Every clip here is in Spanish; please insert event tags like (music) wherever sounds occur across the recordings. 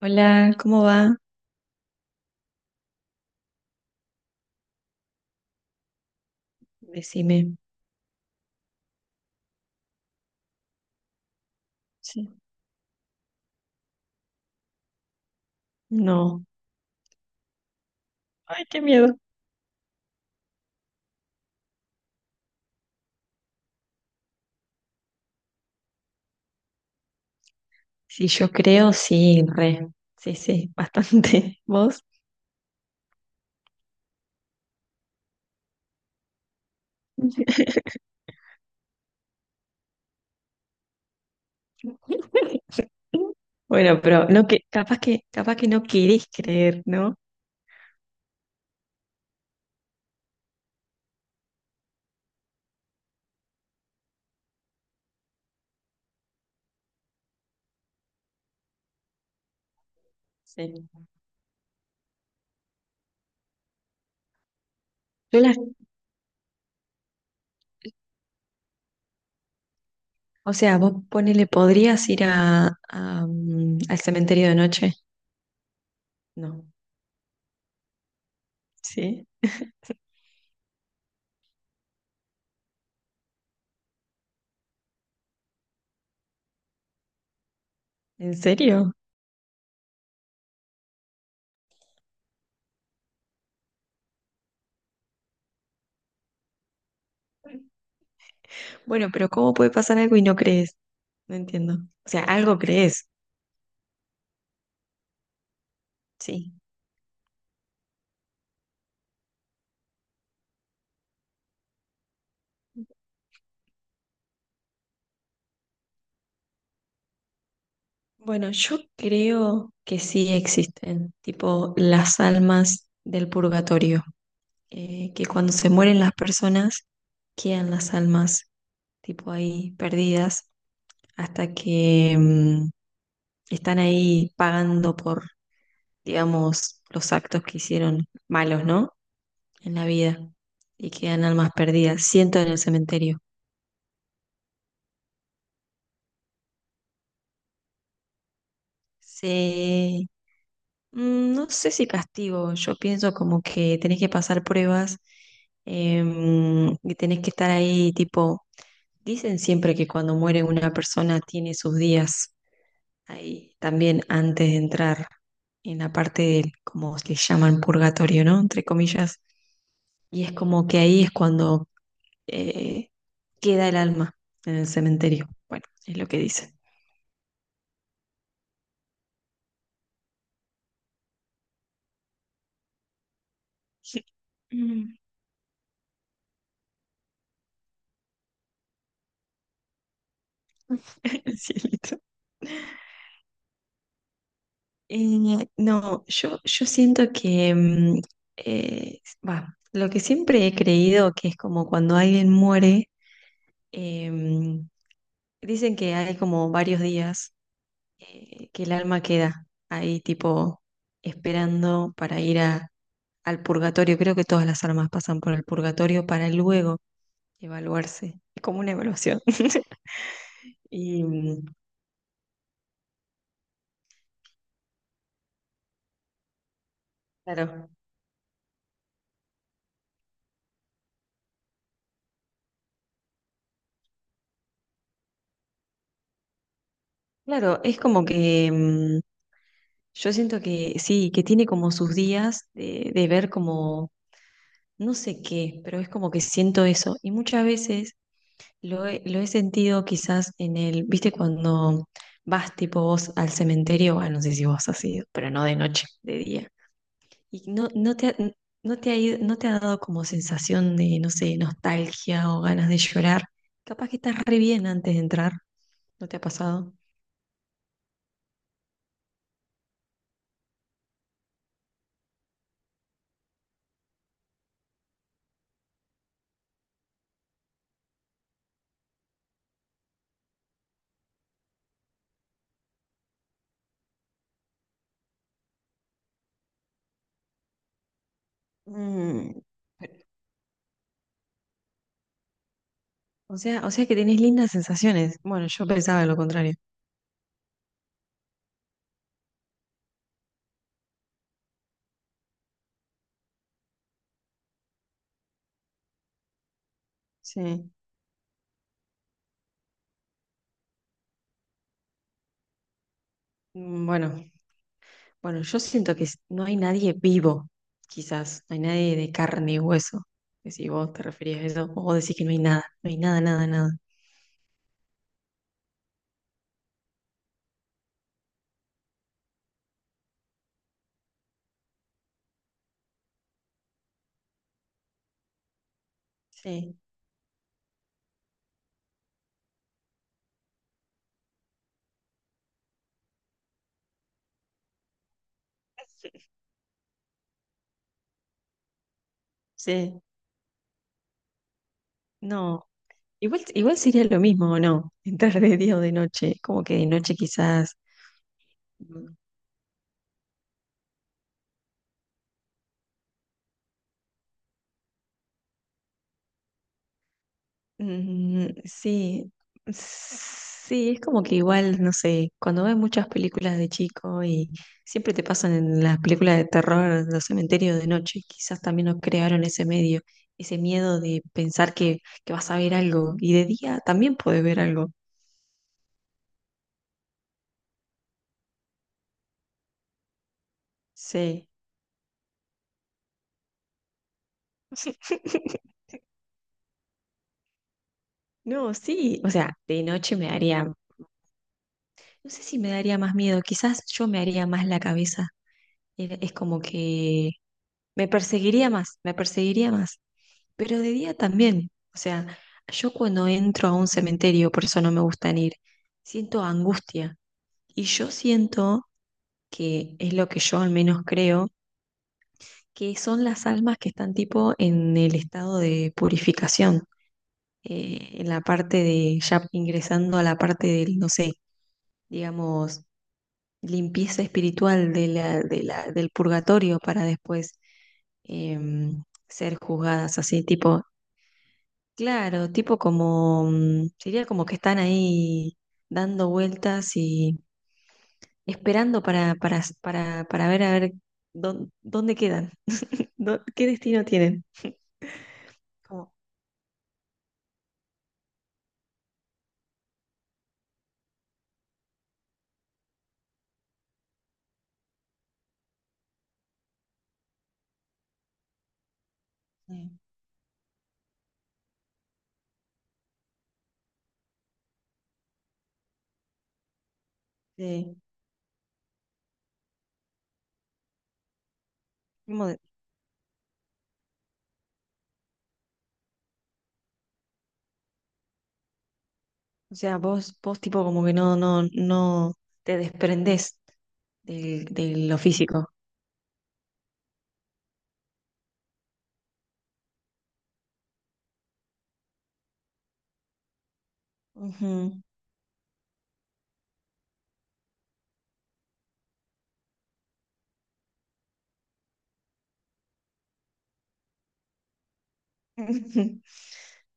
Hola, ¿cómo va? Decime. Sí. No. Ay, qué miedo. Sí, yo creo, sí, re. Sí, sí, bastante. (laughs) ¿Vos? (laughs) Bueno, pero no que, capaz que, capaz que no querés creer, ¿no? Sí. Yo las, o sea, vos ponele, ¿podrías ir a, al cementerio de noche? No. ¿Sí? ¿En serio? Bueno, pero ¿cómo puede pasar algo y no crees? No entiendo. O sea, algo crees, sí. Bueno, yo creo que sí existen, tipo las almas del purgatorio, que cuando se mueren las personas quedan las almas, tipo ahí perdidas, hasta que están ahí pagando por, digamos, los actos que hicieron malos, ¿no? En la vida, y quedan almas perdidas, siento en el cementerio. Se No sé si castigo, yo pienso como que tenés que pasar pruebas, y tenés que estar ahí, tipo, dicen siempre que cuando muere una persona tiene sus días ahí también antes de entrar en la parte del, como le llaman, purgatorio, ¿no? Entre comillas. Y es como que ahí es cuando eh, queda el alma en el cementerio. Bueno, es lo que dice. (laughs) Mm. (laughs) El cielito. No, yo siento que, bah, lo que siempre he creído que es como cuando alguien muere, em, dicen que hay como varios días, que el alma queda ahí tipo esperando para ir a, al purgatorio. Creo que todas las almas pasan por el purgatorio para luego evaluarse. Es como una evaluación. (laughs) Y claro, Claro, es como que yo siento que sí, que tiene como sus días de ver como no sé qué, pero es como que siento eso. Y muchas veces lo he sentido quizás en el, viste, cuando vas tipo vos al cementerio, bueno, no sé si vos has ido, pero no de noche, de día. Y no, no te ha dado como sensación de, no sé, nostalgia o ganas de llorar. Capaz que estás re bien antes de entrar, ¿no te ha pasado? Mm, o sea que tenés lindas sensaciones. Bueno, yo pensaba lo contrario. Sí. Mm, Bueno, bueno, yo siento que no hay nadie vivo, quizás. No hay nadie de carne y hueso. Que si vos te referías a eso, o vos decís que no hay nada. No hay nada, nada, nada. Sí, (laughs) sí. No. Igual, igual sería lo mismo, ¿o no? Entrar de día o de noche. Como que de noche quizás. Sí, sí, es como que igual, no sé, cuando ves muchas películas de chico y siempre te pasan en las películas de terror, los cementerios de noche, quizás también nos crearon ese medio, ese miedo de pensar que vas a ver algo y de día también puedes ver algo. Sí. (laughs) No, sí, o sea, de noche me daría, no sé si me daría más miedo, quizás yo me haría más la cabeza. Es como que me perseguiría más, me perseguiría más. Pero de día también, o sea, yo cuando entro a un cementerio, por eso no me gustan ir, siento angustia. Y yo siento que es lo que yo al menos creo, que son las almas que están tipo en el estado de purificación, en la parte de, ya ingresando a la parte del, no sé, digamos, limpieza espiritual del purgatorio para después ser juzgadas así, tipo, Claro, tipo como, sería como que están ahí dando vueltas y esperando para ver a ver dónde quedan, (laughs) qué destino tienen. Como, sí, sí, como o sea, vos tipo como que no te desprendés de, lo físico. Ujú. (laughs)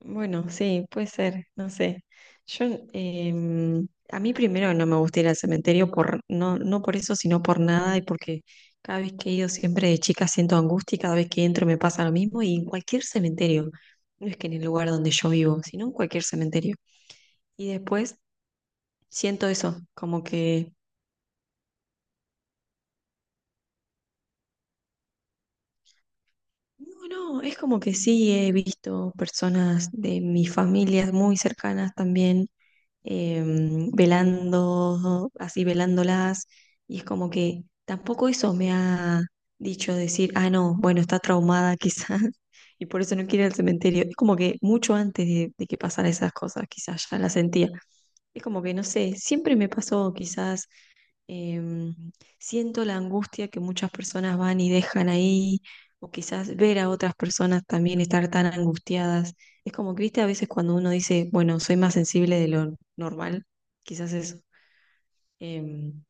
Bueno, sí, puede ser, no sé. Yo, a mí primero no me gusta ir al cementerio por, no, no por eso, sino por nada y porque cada vez que he ido siempre de chica siento angustia y cada vez que entro me pasa lo mismo y en cualquier cementerio, no es que en el lugar donde yo vivo, sino en cualquier cementerio. Y después siento eso, como que, no, no, es como que sí he visto personas de mis familias muy cercanas también, velando, así velándolas, y es como que tampoco eso me ha dicho decir, ah, no, bueno, está traumada quizás, (laughs) y por eso no quiere ir al cementerio. Es como que mucho antes de que pasaran esas cosas, quizás ya la sentía. Es como que, no sé, siempre me pasó quizás. Em, siento la angustia que muchas personas van y dejan ahí, o quizás ver a otras personas también estar tan angustiadas. Es como que, viste, a veces cuando uno dice, bueno, soy más sensible de lo normal, quizás eso. Em,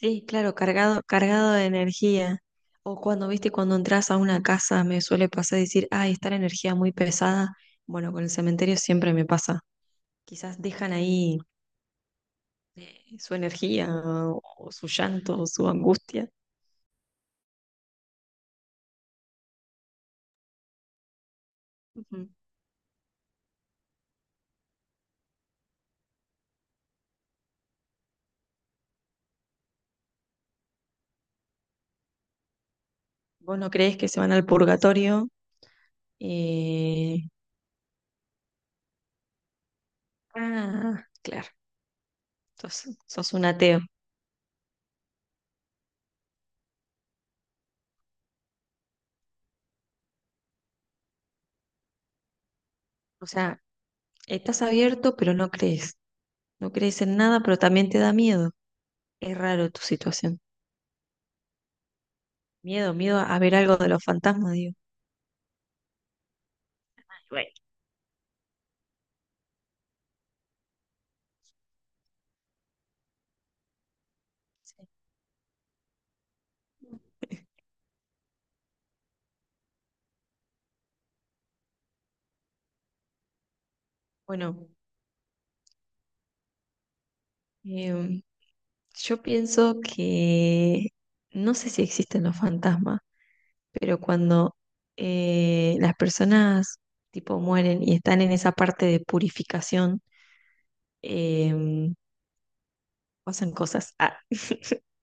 sí, claro, cargado, cargado de energía. O cuando, viste, cuando entras a una casa, me suele pasar decir, ay, está la energía muy pesada. Bueno, con el cementerio siempre me pasa. Quizás dejan ahí su energía o su llanto o su angustia. Ujú. Vos no creés que se van al purgatorio. Eh, Ah, claro. Entonces, sos un ateo. O sea, estás abierto, pero no crees. No crees en nada, pero también te da miedo. Es raro tu situación. Miedo, miedo a ver algo de los fantasmas, digo. Bueno, sí. Bueno, em, yo pienso que no sé si existen los fantasmas, pero cuando las personas tipo mueren y están en esa parte de purificación, em, pasan cosas. Ah, (laughs)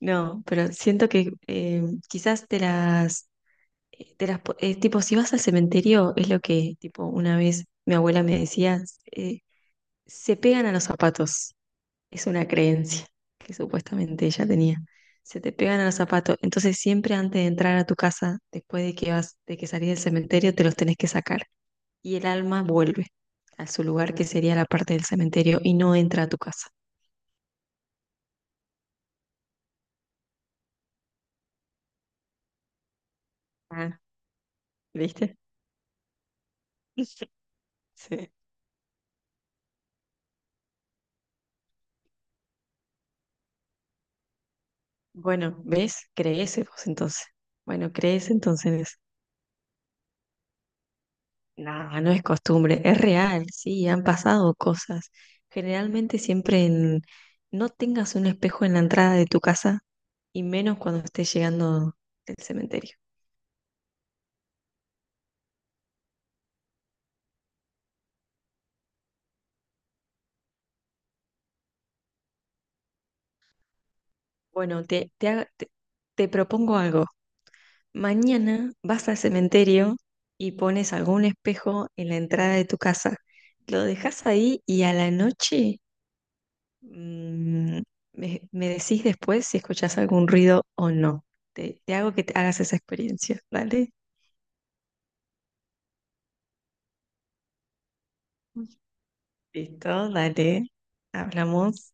no, pero siento que quizás te las, tipo, si vas al cementerio, es lo que, tipo, una vez mi abuela me decía, eh, se pegan a los zapatos. Es una creencia que supuestamente ella tenía. Se te pegan a los zapatos. Entonces siempre antes de entrar a tu casa, después de que vas, de que salís del cementerio, te los tenés que sacar. Y el alma vuelve a su lugar, que sería la parte del cementerio, y no entra a tu casa. Ah, ¿viste? (laughs) Sí. Bueno, ¿ves? Crees vos entonces. Bueno, crees entonces. Nada, no es costumbre, es real, sí, han pasado cosas. Generalmente siempre en... no tengas un espejo en la entrada de tu casa y menos cuando estés llegando del cementerio. Bueno, te propongo algo. Mañana vas al cementerio y pones algún espejo en la entrada de tu casa. Lo dejas ahí y a la noche Mm, me decís después si escuchás algún ruido o no. Te hago que te hagas esa experiencia, ¿vale? Listo, dale. Hablamos.